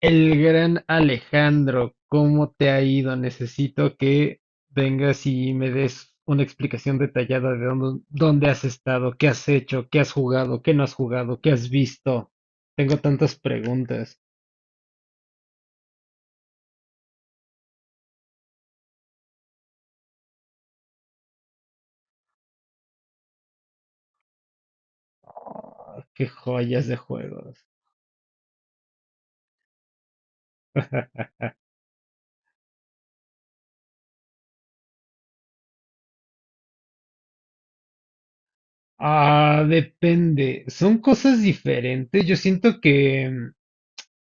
El gran Alejandro, ¿cómo te ha ido? Necesito que vengas y me des una explicación detallada de dónde has estado, qué has hecho, qué has jugado, qué no has jugado, qué has visto. Tengo tantas preguntas. Ah, qué joyas de juegos. Ah, depende. Son cosas diferentes. Yo siento que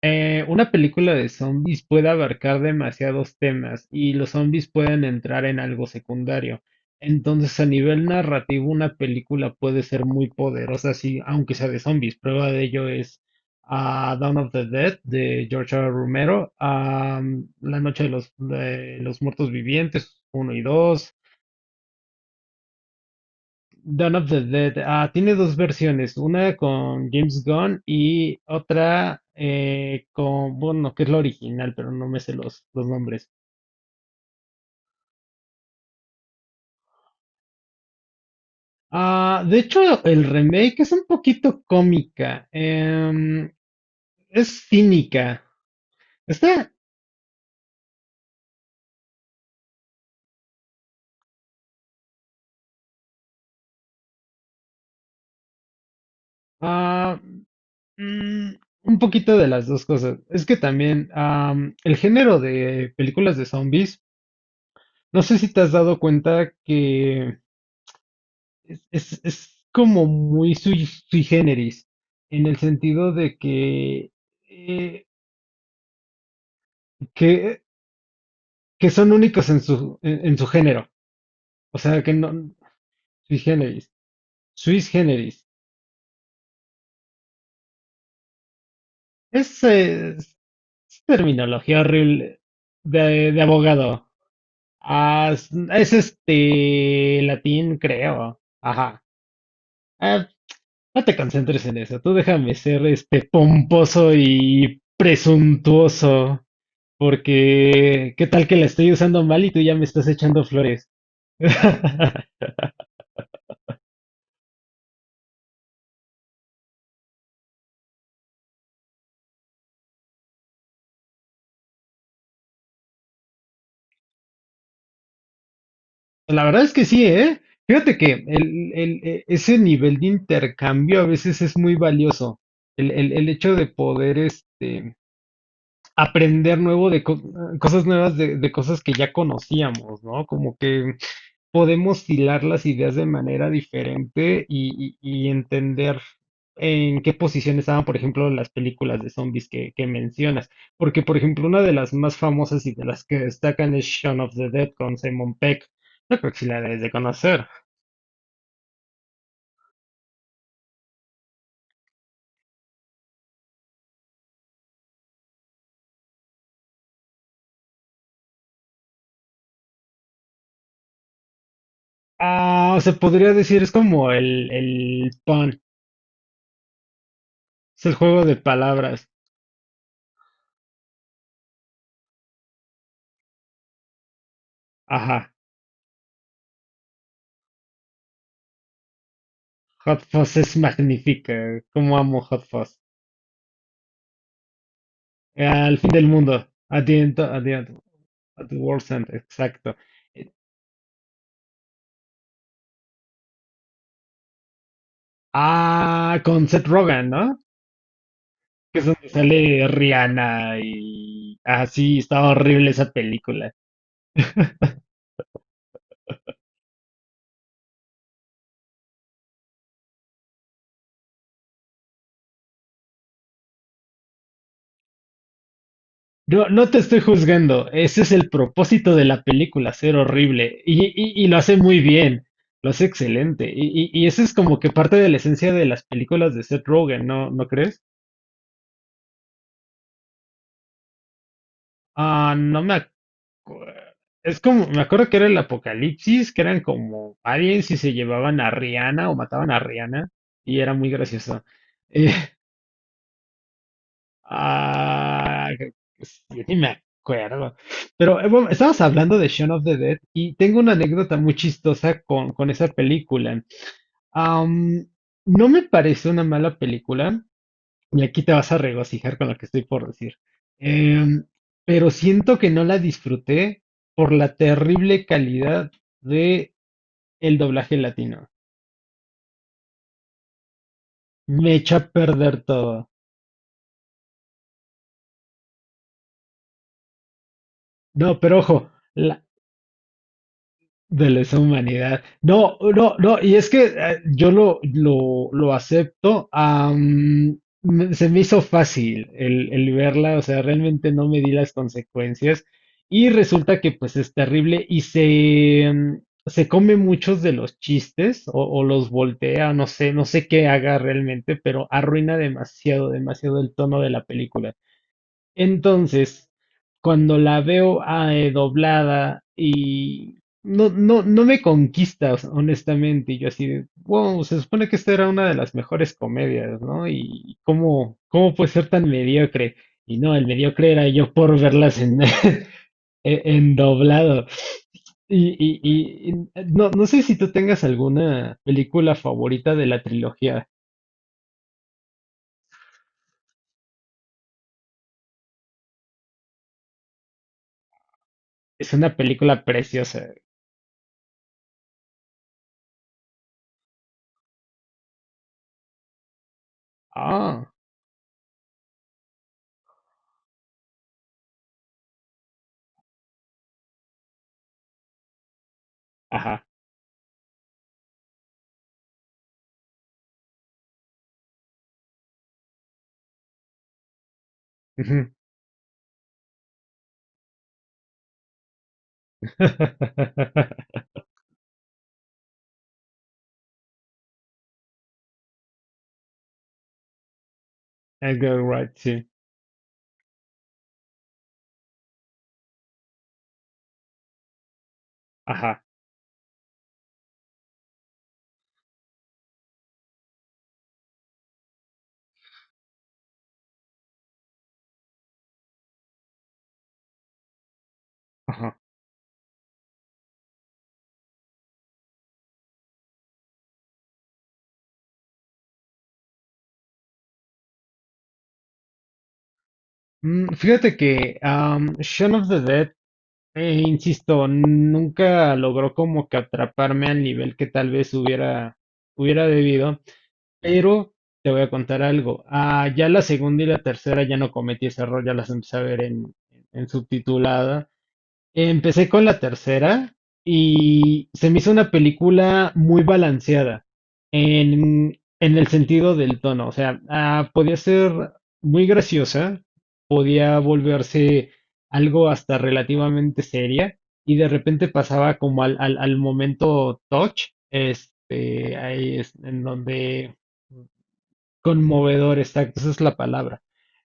una película de zombies puede abarcar demasiados temas y los zombies pueden entrar en algo secundario. Entonces, a nivel narrativo, una película puede ser muy poderosa, sí, aunque sea de zombies. Prueba de ello es Dawn of the Dead de George R. R. Romero, La Noche de los Muertos Vivientes uno y 2. Dawn of the Dead. Ah, tiene dos versiones, una con James Gunn y otra con, bueno, que es la original, pero no me sé los nombres. Ah, de hecho, el remake es un poquito cómica, es cínica. Está ah, mm, un poquito de las dos cosas. Es que también el género de películas de zombies, no sé si te has dado cuenta que es como muy sui generis, en el sentido de que, eh, que, que son únicos en su género. O sea, que no, sui generis, suis generis. Es terminología horrible de abogado. Ah, es este latín, creo. Ajá. Ah, no te concentres en eso. Tú déjame ser este pomposo y presuntuoso. Porque, ¿qué tal que la estoy usando mal y tú ya me estás echando flores? La verdad es que sí, ¿eh? Fíjate que ese nivel de intercambio a veces es muy valioso. El hecho de poder este, aprender nuevo de co- cosas nuevas de cosas que ya conocíamos, ¿no? Como que podemos hilar las ideas de manera diferente y entender en qué posición estaban, por ejemplo, las películas de zombies que mencionas. Porque, por ejemplo, una de las más famosas y de las que destacan es Shaun of the Dead con Simon Peck. Yo creo que sí la debes de conocer. Ah, se podría decir, es como el pun, es el juego de palabras. Ajá, Hot Fuzz es magnífica, como amo Hot Fuzz. Al fin del mundo, at the world's end, exacto. Ah, con Seth Rogen, ¿no? Que es donde sale Rihanna y así, está horrible esa película. No, no te estoy juzgando, ese es el propósito de la película, ser horrible. Y lo hace muy bien, lo hace excelente. Y ese es como que parte de la esencia de las películas de Seth Rogen, ¿no, no crees? Ah, no me acuerdo. Es como, me acuerdo que era el apocalipsis, que eran como aliens y se llevaban a Rihanna o mataban a Rihanna y era muy gracioso. Ah, yo ni me acuerdo. Pero bueno, estabas hablando de Shaun of the Dead y tengo una anécdota muy chistosa con esa película. Am, no me parece una mala película, y aquí te vas a regocijar con lo que estoy por decir. Em, pero siento que no la disfruté por la terrible calidad de el doblaje latino. Me echa a perder todo. No, pero ojo, de lesa humanidad. No, no, no, y es que yo lo acepto. Se me hizo fácil el verla, o sea, realmente no me di las consecuencias. Y resulta que pues es terrible y se, se come muchos de los chistes o los voltea, no sé, no sé qué haga realmente, pero arruina demasiado, demasiado el tono de la película. Entonces, cuando la veo doblada y no, no, no me conquista, o sea, honestamente, y yo así de, wow, se supone que esta era una de las mejores comedias, ¿no? Y cómo, cómo puede ser tan mediocre. Y no, el mediocre era yo por verlas en, en doblado. Y no, no sé si tú tengas alguna película favorita de la trilogía. Es una película preciosa. Ah, ajá. Ujú. Edgar Wright, sí. Ajá, ajá. Mm, fíjate que Shaun of the Dead, insisto, nunca logró como que atraparme al nivel que tal vez hubiera, hubiera debido, pero te voy a contar algo. Ah, ya la segunda y la tercera ya no cometí ese error, ya las empecé a ver en subtitulada. Empecé con la tercera y se me hizo una película muy balanceada en el sentido del tono. O sea, ah, podía ser muy graciosa, podía volverse algo hasta relativamente seria y de repente pasaba como al momento touch, este, ahí es en donde. Conmovedor, exacto, esa es la palabra.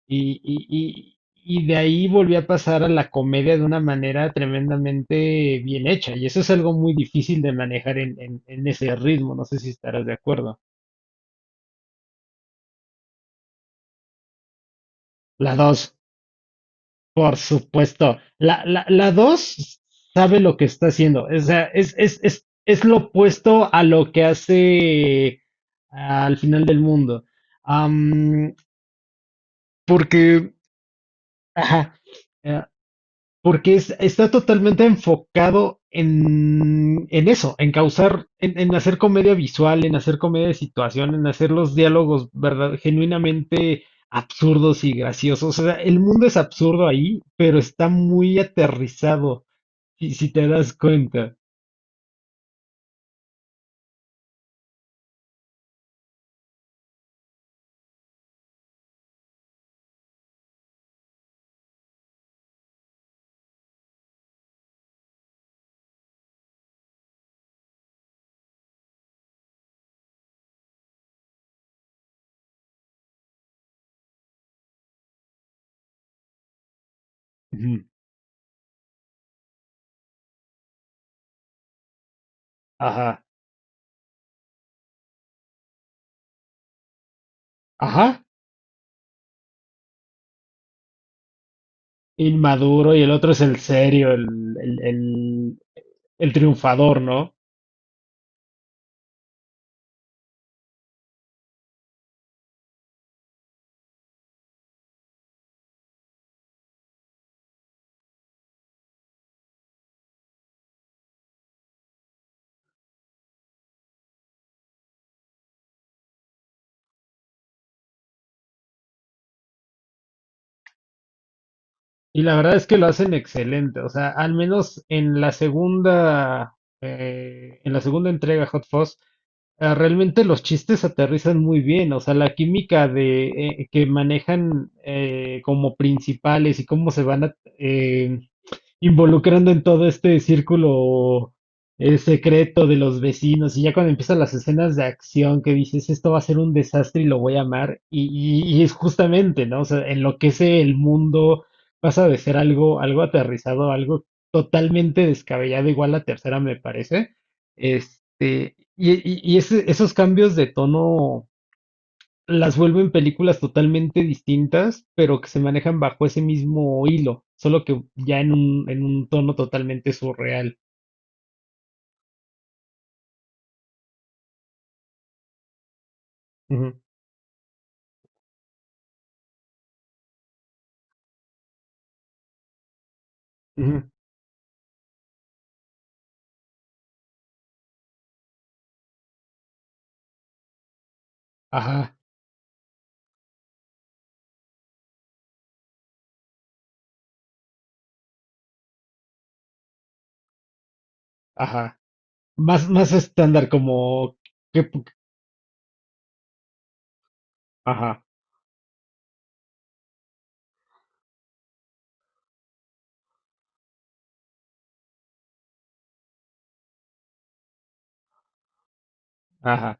Y de ahí volví a pasar a la comedia de una manera tremendamente bien hecha. Y eso es algo muy difícil de manejar en ese ritmo. No sé si estarás de acuerdo. La dos, por supuesto. La dos sabe lo que está haciendo. O sea, es lo opuesto a lo que hace al final del mundo. Am, Porque, ajá, eh, porque está totalmente enfocado en eso, en causar, en hacer comedia visual, en hacer comedia de situación, en hacer los diálogos verdad, genuinamente absurdos y graciosos. O sea, el mundo es absurdo ahí, pero está muy aterrizado, si te das cuenta. Ujú. Ajá, ajá, inmaduro y el otro es el serio, el, el, el triunfador, ¿no? Y la verdad es que lo hacen excelente, o sea, al menos en la segunda entrega Hot Fuzz, ah, realmente los chistes aterrizan muy bien, o sea, la química de que manejan como principales y cómo se van a, involucrando en todo este círculo secreto de los vecinos. Y ya cuando empiezan las escenas de acción que dices, esto va a ser un desastre y lo voy a amar. Y es justamente, ¿no? O sea, enloquece el mundo, pasa de ser algo, algo aterrizado, algo totalmente descabellado, igual la tercera me parece. Este, y esos cambios de tono las vuelven películas totalmente distintas, pero que se manejan bajo ese mismo hilo, solo que ya en un tono totalmente surreal. Ujú, ujú. Ajá, ajá. Más, más estándar, como que, ajá, ajá.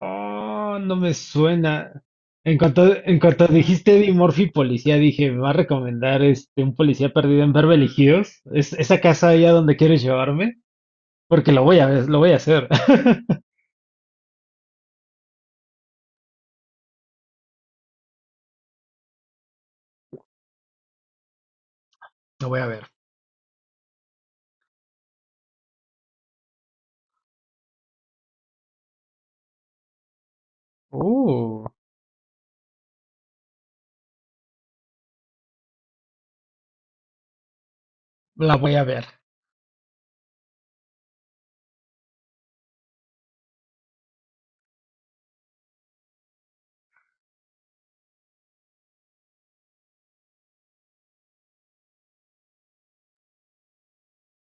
Oh, no me suena. En cuanto dijiste Eddie Murphy policía, dije, me va a recomendar este un policía perdido en Beverly Hills. ¿Es esa casa allá donde quieres llevarme? Porque lo voy a ver, lo voy a hacer. Lo voy a ver. Uh. La voy a ver.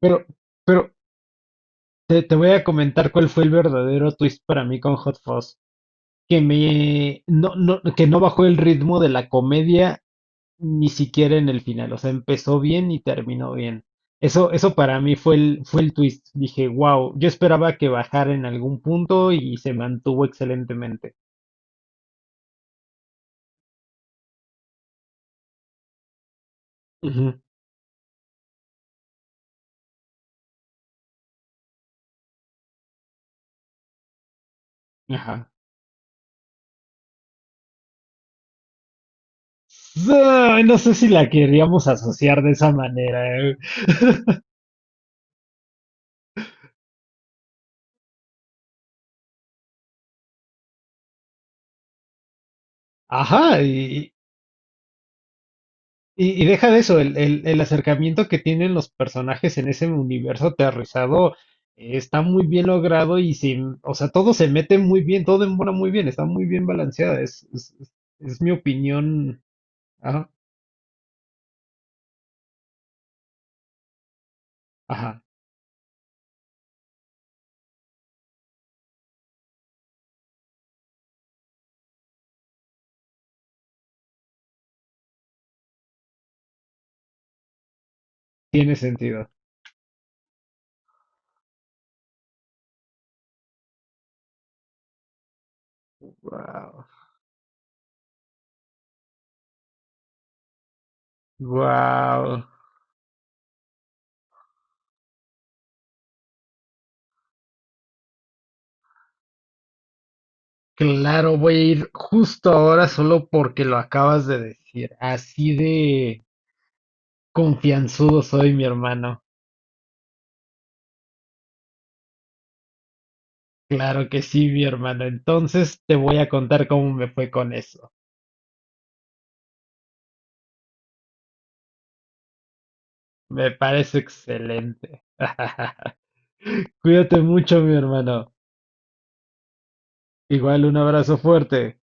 Pero, pero te voy a comentar cuál fue el verdadero twist para mí con Hot Fuzz. Que me no, no, que no bajó el ritmo de la comedia ni siquiera en el final. O sea, empezó bien y terminó bien. Eso para mí fue fue el twist. Dije, wow, yo esperaba que bajara en algún punto y se mantuvo excelentemente. Ujú. Ajá. Ay, no sé si la queríamos asociar de esa manera. Ajá, y, y deja de eso, el acercamiento que tienen los personajes en ese universo aterrizado está muy bien logrado y sin, o sea, todo se mete muy bien, todo embona muy bien, está muy bien balanceada, es mi opinión. Ajá, ajá, tiene sentido. Wow, wow. Claro, voy a ir justo ahora solo porque lo acabas de decir. Así de confianzudo soy, mi hermano. Claro que sí, mi hermano. Entonces te voy a contar cómo me fue con eso. Me parece excelente. Cuídate mucho, mi hermano. Igual un abrazo fuerte.